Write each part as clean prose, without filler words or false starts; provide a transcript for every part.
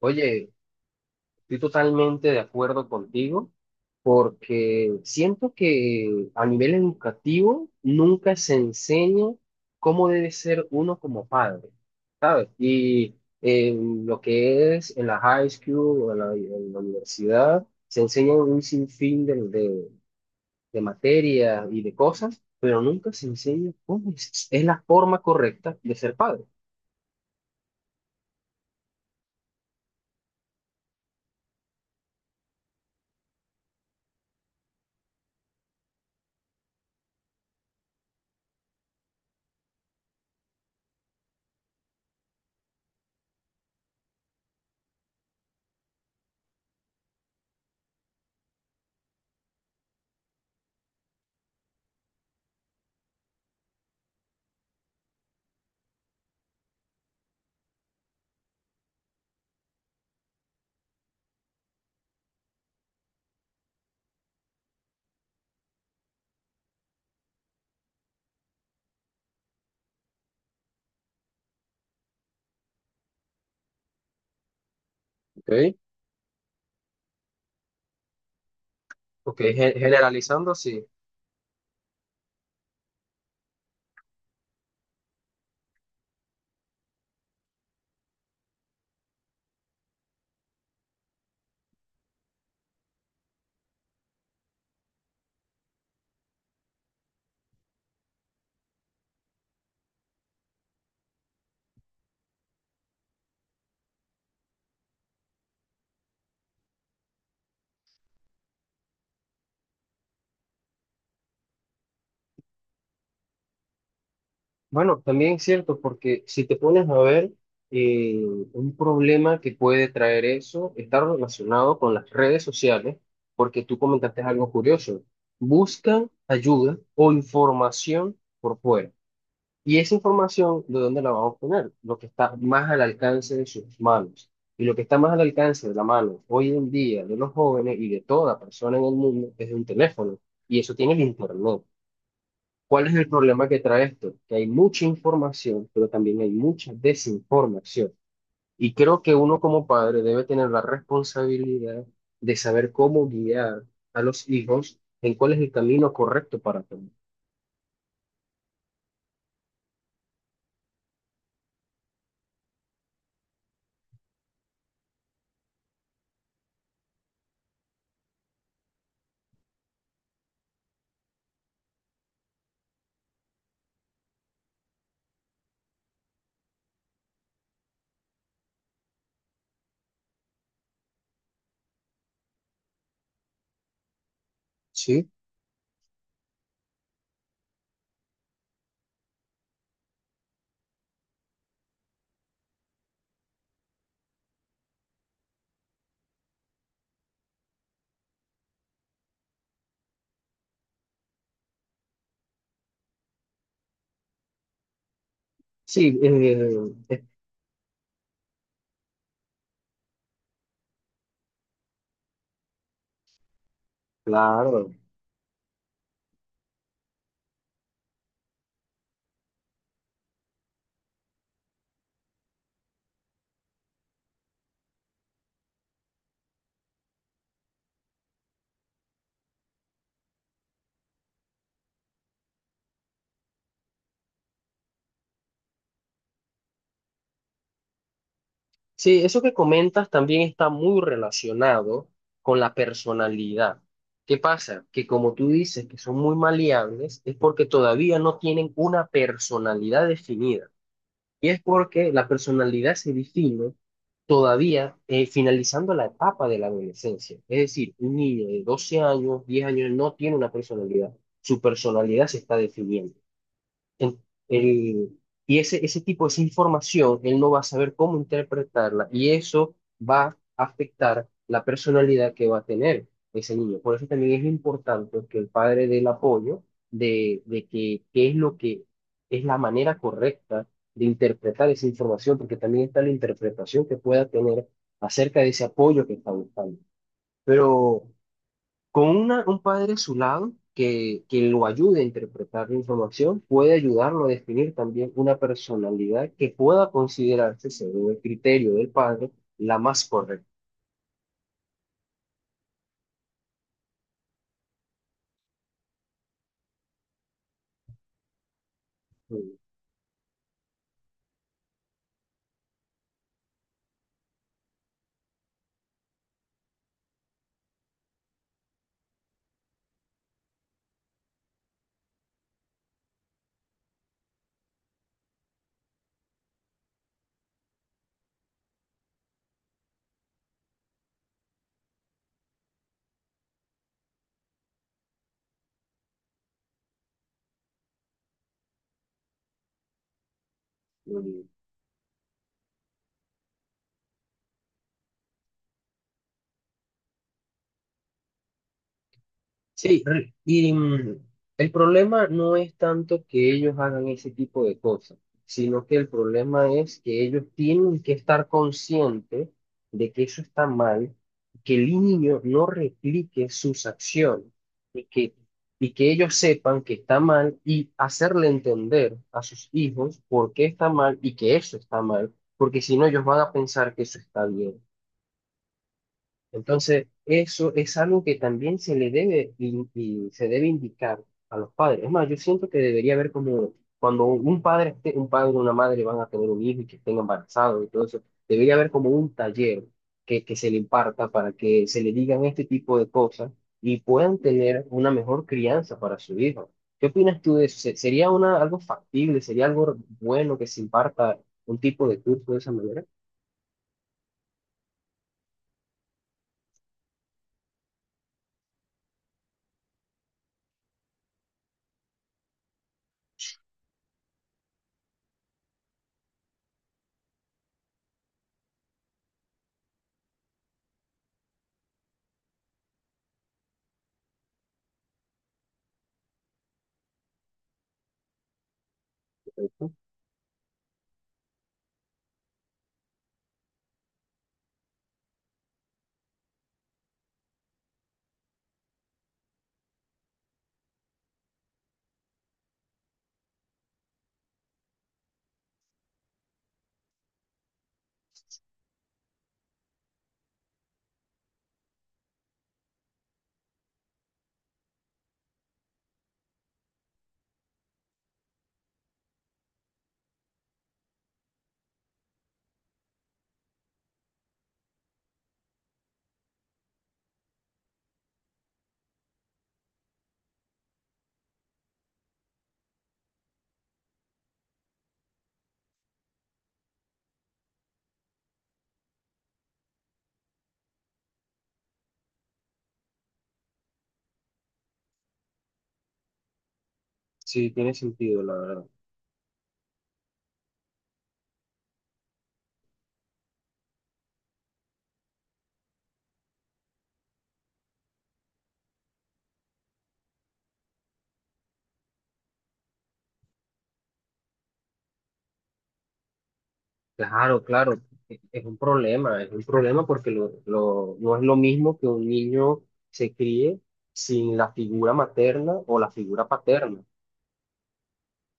Oye, estoy totalmente de acuerdo contigo porque siento que a nivel educativo nunca se enseña cómo debe ser uno como padre, ¿sabes? Y en lo que es en la high school o en la universidad, se enseñan un sinfín de materias y de cosas, pero nunca se enseña cómo es la forma correcta de ser padre, ¿ok? Porque generalizando, sí. Bueno, también es cierto, porque si te pones a ver, eh, un problema que puede traer eso está relacionado con las redes sociales, porque tú comentaste algo curioso. Buscan ayuda o información por fuera. Y esa información, ¿de dónde la van a obtener? Lo que está más al alcance de sus manos. Y lo que está más al alcance de la mano hoy en día de los jóvenes y de toda persona en el mundo es de un teléfono. Y eso tiene el internet. ¿Cuál es el problema que trae esto? Que hay mucha información, pero también hay mucha desinformación. Y creo que uno como padre debe tener la responsabilidad de saber cómo guiar a los hijos en cuál es el camino correcto para tomar. Sí, sí, es claro. Sí, eso que comentas también está muy relacionado con la personalidad. ¿Qué pasa? Que como tú dices que son muy maleables, es porque todavía no tienen una personalidad definida. Y es porque la personalidad se define todavía finalizando la etapa de la adolescencia. Es decir, un niño de 12 años, 10 años no tiene una personalidad. Su personalidad se está definiendo. En- el- y ese tipo, esa información, él no va a saber cómo interpretarla y eso va a afectar la personalidad que va a tener ese niño. Por eso también es importante que el padre dé el apoyo de que qué es lo que es la manera correcta de interpretar esa información, porque también está la interpretación que pueda tener acerca de ese apoyo que está buscando. Pero un padre a su lado que lo ayude a interpretar la información puede ayudarlo a definir también una personalidad que pueda considerarse, según el criterio del padre, la más correcta. Sí, el problema no es tanto que ellos hagan ese tipo de cosas, sino que el problema es que ellos tienen que estar conscientes de que eso está mal, que el niño no replique sus acciones y que, y que ellos sepan que está mal y hacerle entender a sus hijos por qué está mal y que eso está mal, porque si no ellos van a pensar que eso está bien. Entonces, eso es algo que también se le debe in- y, se debe indicar a los padres. Es más, yo siento que debería haber como cuando un padre o una madre van a tener un hijo y que estén embarazados y todo eso, debería haber como un taller que se le imparta para que se le digan este tipo de cosas y puedan tener una mejor crianza para su hijo. ¿Qué opinas tú de eso? ¿Sería algo factible? ¿Sería algo bueno que se imparta un tipo de curso de esa manera? Perfecto. Sí, tiene sentido, la verdad. Claro, claro, es un problema porque no es lo mismo que un niño se críe sin la figura materna o la figura paterna.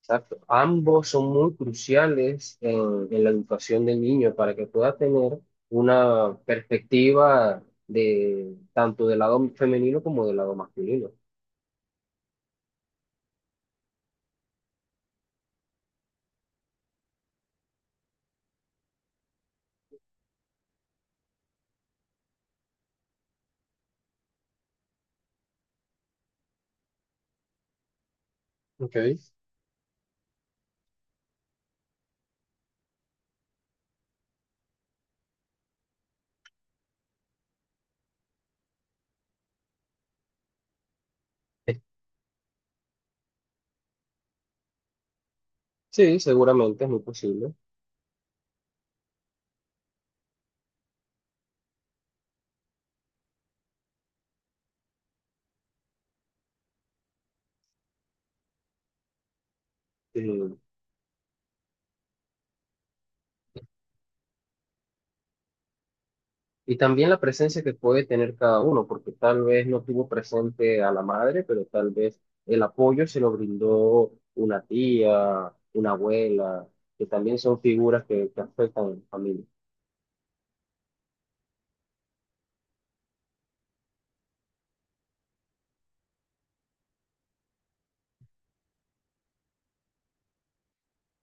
Exacto. Ambos son muy cruciales en la educación del niño para que pueda tener una perspectiva de tanto del lado femenino como del lado masculino. Ok. Sí, seguramente es muy posible. eh, Y también la presencia que puede tener cada uno, porque tal vez no tuvo presente a la madre, pero tal vez el apoyo se lo brindó una tía, una abuela, que también son figuras que afectan a la familia.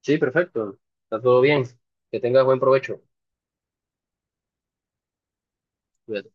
Sí, perfecto. Está todo bien. Que tengas buen provecho. Cuídate.